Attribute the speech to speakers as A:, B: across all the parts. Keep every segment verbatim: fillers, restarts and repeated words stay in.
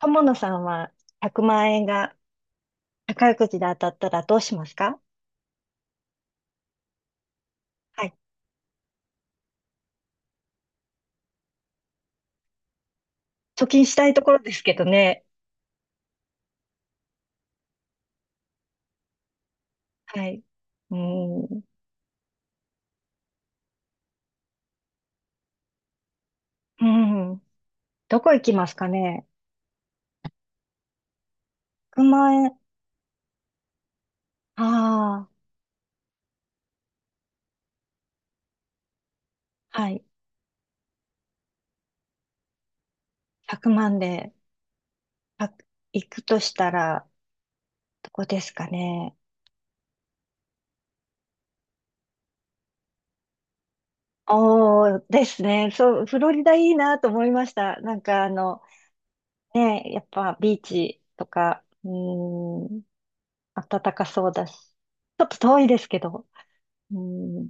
A: 友野さんはひゃくまん円が宝くじで当たったらどうしますか？はい。貯金したいところですけどね。はい。うーん。うん。どこ行きますかね？ ひゃく 万円。ああ、はい。いちまんで、あ、行くとしたら、どこですかね。おーですね。そう、フロリダいいなと思いました。なんかあの、ね、やっぱビーチとか、うーん、暖かそうだし。ちょっと遠いですけど。うーん。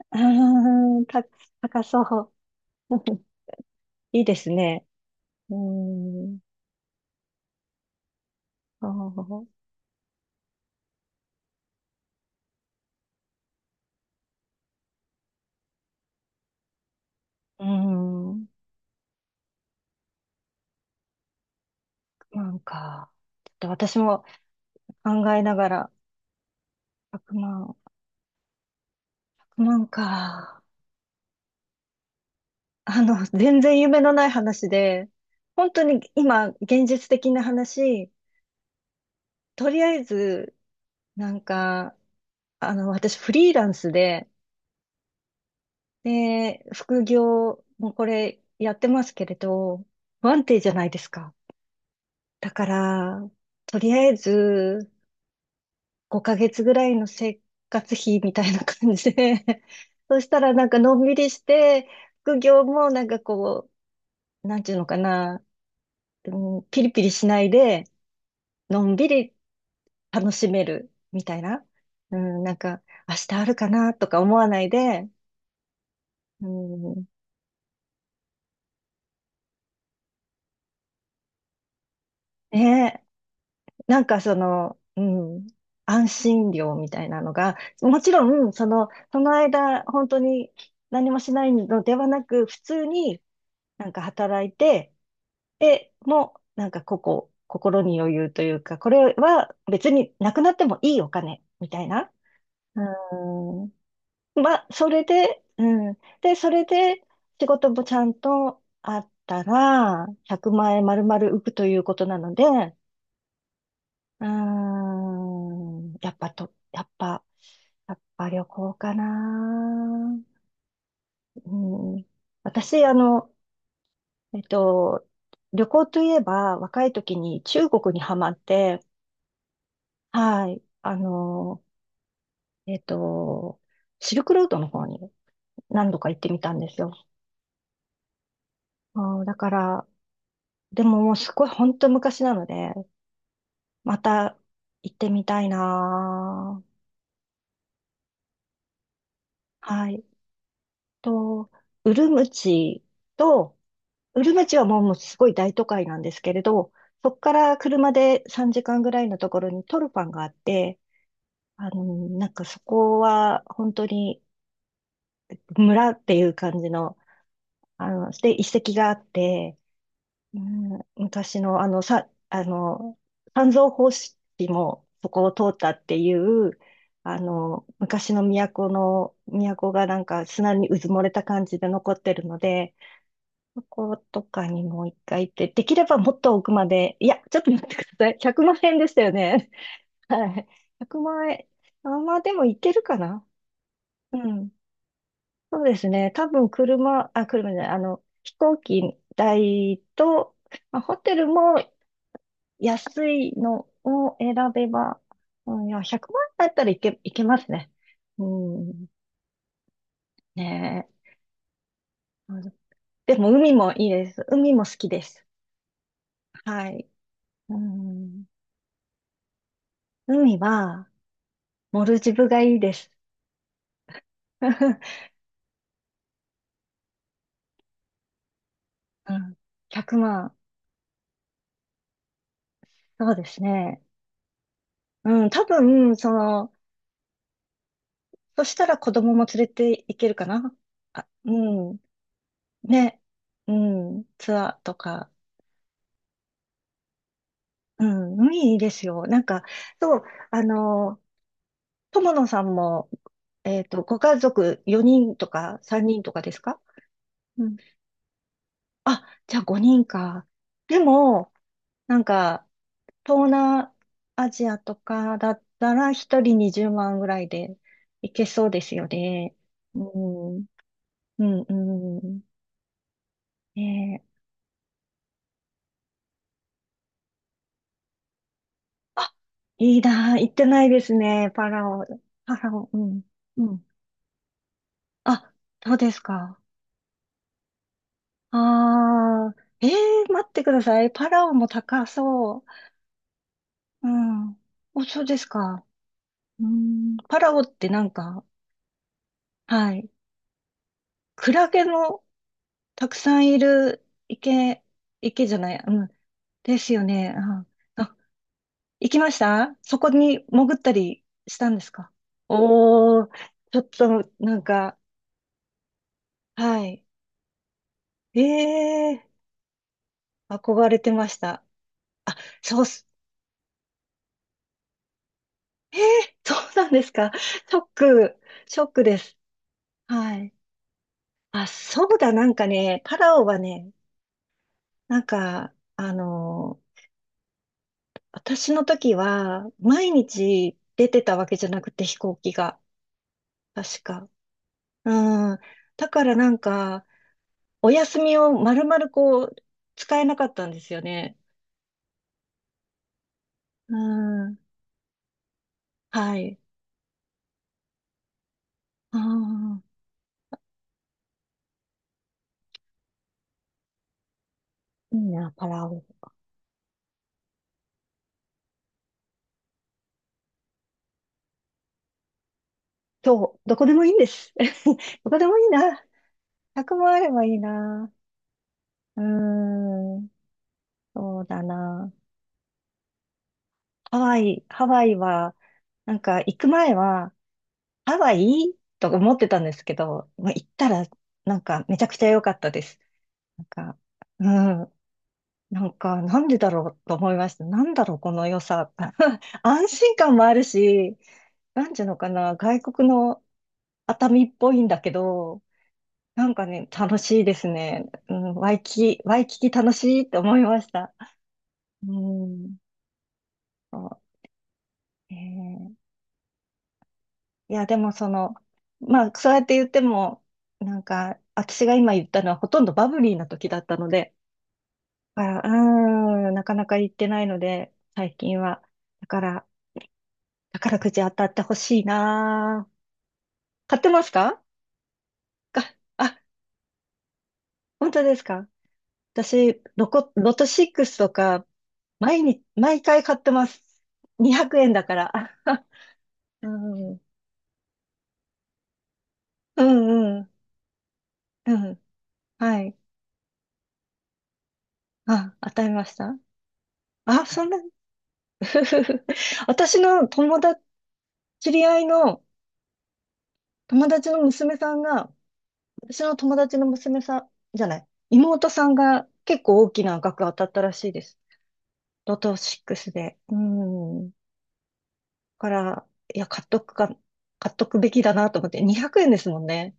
A: あーた、高そう。いいですね。うーん。そう。うーん。なんか、ちょっと私も考えながら、いちまん、いち まるか。あの、全然夢のない話で、本当に今、現実的な話、とりあえず、なんか、あの、私フリーランスで、で、副業もこれやってますけれど、不安定じゃないですか。だから、とりあえずごかげつぐらいの生活費みたいな感じで、 そしたらなんかのんびりして、副業もなんかこう、なんていうのかな、うん、ピリピリしないで、のんびり楽しめるみたいな。うん、なんか、明日あるかなとか思わないで、うん、ねえ。なんかその、うん、安心料みたいなのが、もちろん、その、その間、本当に何もしないのではなく、普通になんか働いて、で、もう、なんかここ、心に余裕というか、これは別になくなってもいいお金、みたいな。うん。まあ、それで、うん。で、それで、仕事もちゃんとあったら、ひゃくまん円丸々浮くということなので、うーん。やっぱと、やっぱ、やっぱ旅行かな。うん。私、あの、えっと、旅行といえば、若い時に中国にハマって、はい。あの、えっと、シルクロードの方に何度か行ってみたんですよ。あーだから、でももうすごい本当昔なので、また行ってみたいなー。はい。と、ウルムチと、ウルムチはもうもうすごい大都会なんですけれど、そこから車でさんじかんぐらいのところにトルファンがあって、あの、なんかそこは本当に村っていう感じの、あの、で、遺跡があって、うん、昔のあの、さ、あの、三蔵法師もそこを通ったっていう、あの、昔の都の、都がなんか砂にうずもれた感じで残ってるので、そことかにもう一回行って、できればもっと奥まで、いや、ちょっと待ってください。ひゃくまん円でしたよね。はい。ひゃくまん円。あ、まあでも行けるかな。うん。そうですね。多分車、あ、車じゃない、あの、飛行機代と、まあ、ホテルも安いのを選べば、うん、いや、ひゃくまん円だったらいけ、いけますね。うん。ねえ。あのでも海もいいです。海も好きです。はい。うん。海は、モルジブがいいです。うん。ひゃくまん。そうですね。うん。多分、その、そしたら子供も連れて行けるかな。あ、うん。ね。うん。ツアーとか。うん。海いいですよ。なんか、そう、あの、友野さんも、えっと、ご家族よにんとかさんにんとかですか？うん。あ、じゃあごにんか。でも、なんか、東南アジアとかだったら一人にじゅうまんぐらいでいけそうですよね。うん、うん、うん。ねえ。あ、いいな、行ってないですね、パラオ。パラオ、うん、うん。あ、そうですか。ああ、ええ待ってください。パラオも高そう。うん。お、そうですか。うん、パラオってなんか、はい。クラゲのたくさんいる池、池じゃない、うん。ですよね。うん。あ、行きました？そこに潜ったりしたんですか？おー、ちょっと、なんか、はい。ええー憧れてました。あ、そうす、そうなんですか。ショック、ショックです。はい。あ、そうだ、なんかね、パラオはね、なんか、あの私の時は、毎日出てたわけじゃなくて、飛行機が。確か。うん。だからなんか、お休みを丸々こう、使えなかったんですよね。うん。はい。ああ、いいな、パラオ。そう、どこでもいいんです。どこでもいいな。ひゃくもあればいいな。うーん、そうだな。ハワイ、ハワイは、なんか行く前は、ハワイと思ってたんですけど、まあ行ったら、なんかめちゃくちゃ良かったです。なんか、うなんか、なんでだろうと思いました。なんだろう、この良さ。安心感もあるし、なんていうのかな、外国の熱海っぽいんだけど、なんかね、楽しいですね。うん、ワイキキ、ワイキキ楽しいって思いました。うん。そう。えーいや、でもその、まあ、そうやって言っても、なんか、私が今言ったのはほとんどバブリーな時だったので、だからうーん、なかなか行ってないので、最近は。だから、宝くじ当たってほしいなぁ。買ってますか？かあ、本当ですか？私、ロコ、ロトシックスとか、毎日、毎回買ってます。にひゃくえんだから。うん、うん、うん、うん。はい。あ、当たりました？あ、そんな、私の友達、知り合いの友達の娘さんが、私の友達の娘さんじゃない、妹さんが結構大きな額当たったらしいです。ロトシックスで。うん。だから、いや、買っとくか、買っとくべきだなと思って、にひゃくえんですもんね。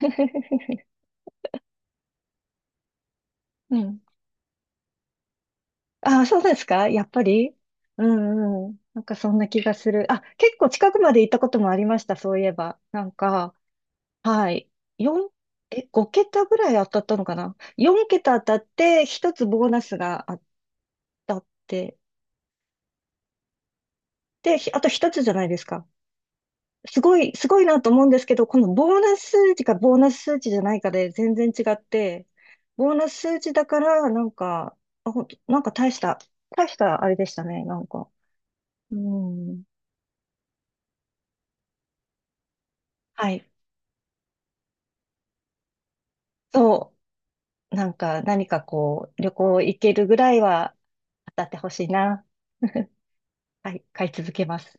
A: うん。ああ、そうですか、やっぱり？うんうん。なんかそんな気がする。あ、結構近くまで行ったこともありました、そういえば。なんか、はい。四え、ご桁ぐらい当たったのかな？ よん 桁当たって、ひとつボーナスが当たって、で、ひあとひとつじゃないですか。すごい、すごいなと思うんですけど、このボーナス数値かボーナス数値じゃないかで全然違って、ボーナス数値だから、なんか、あ、ほんと、なんか大した、大したあれでしたね、なんか。うん。はい。そう。なんか、何かこう、旅行行けるぐらいは当たってほしいな。はい、買い続けます。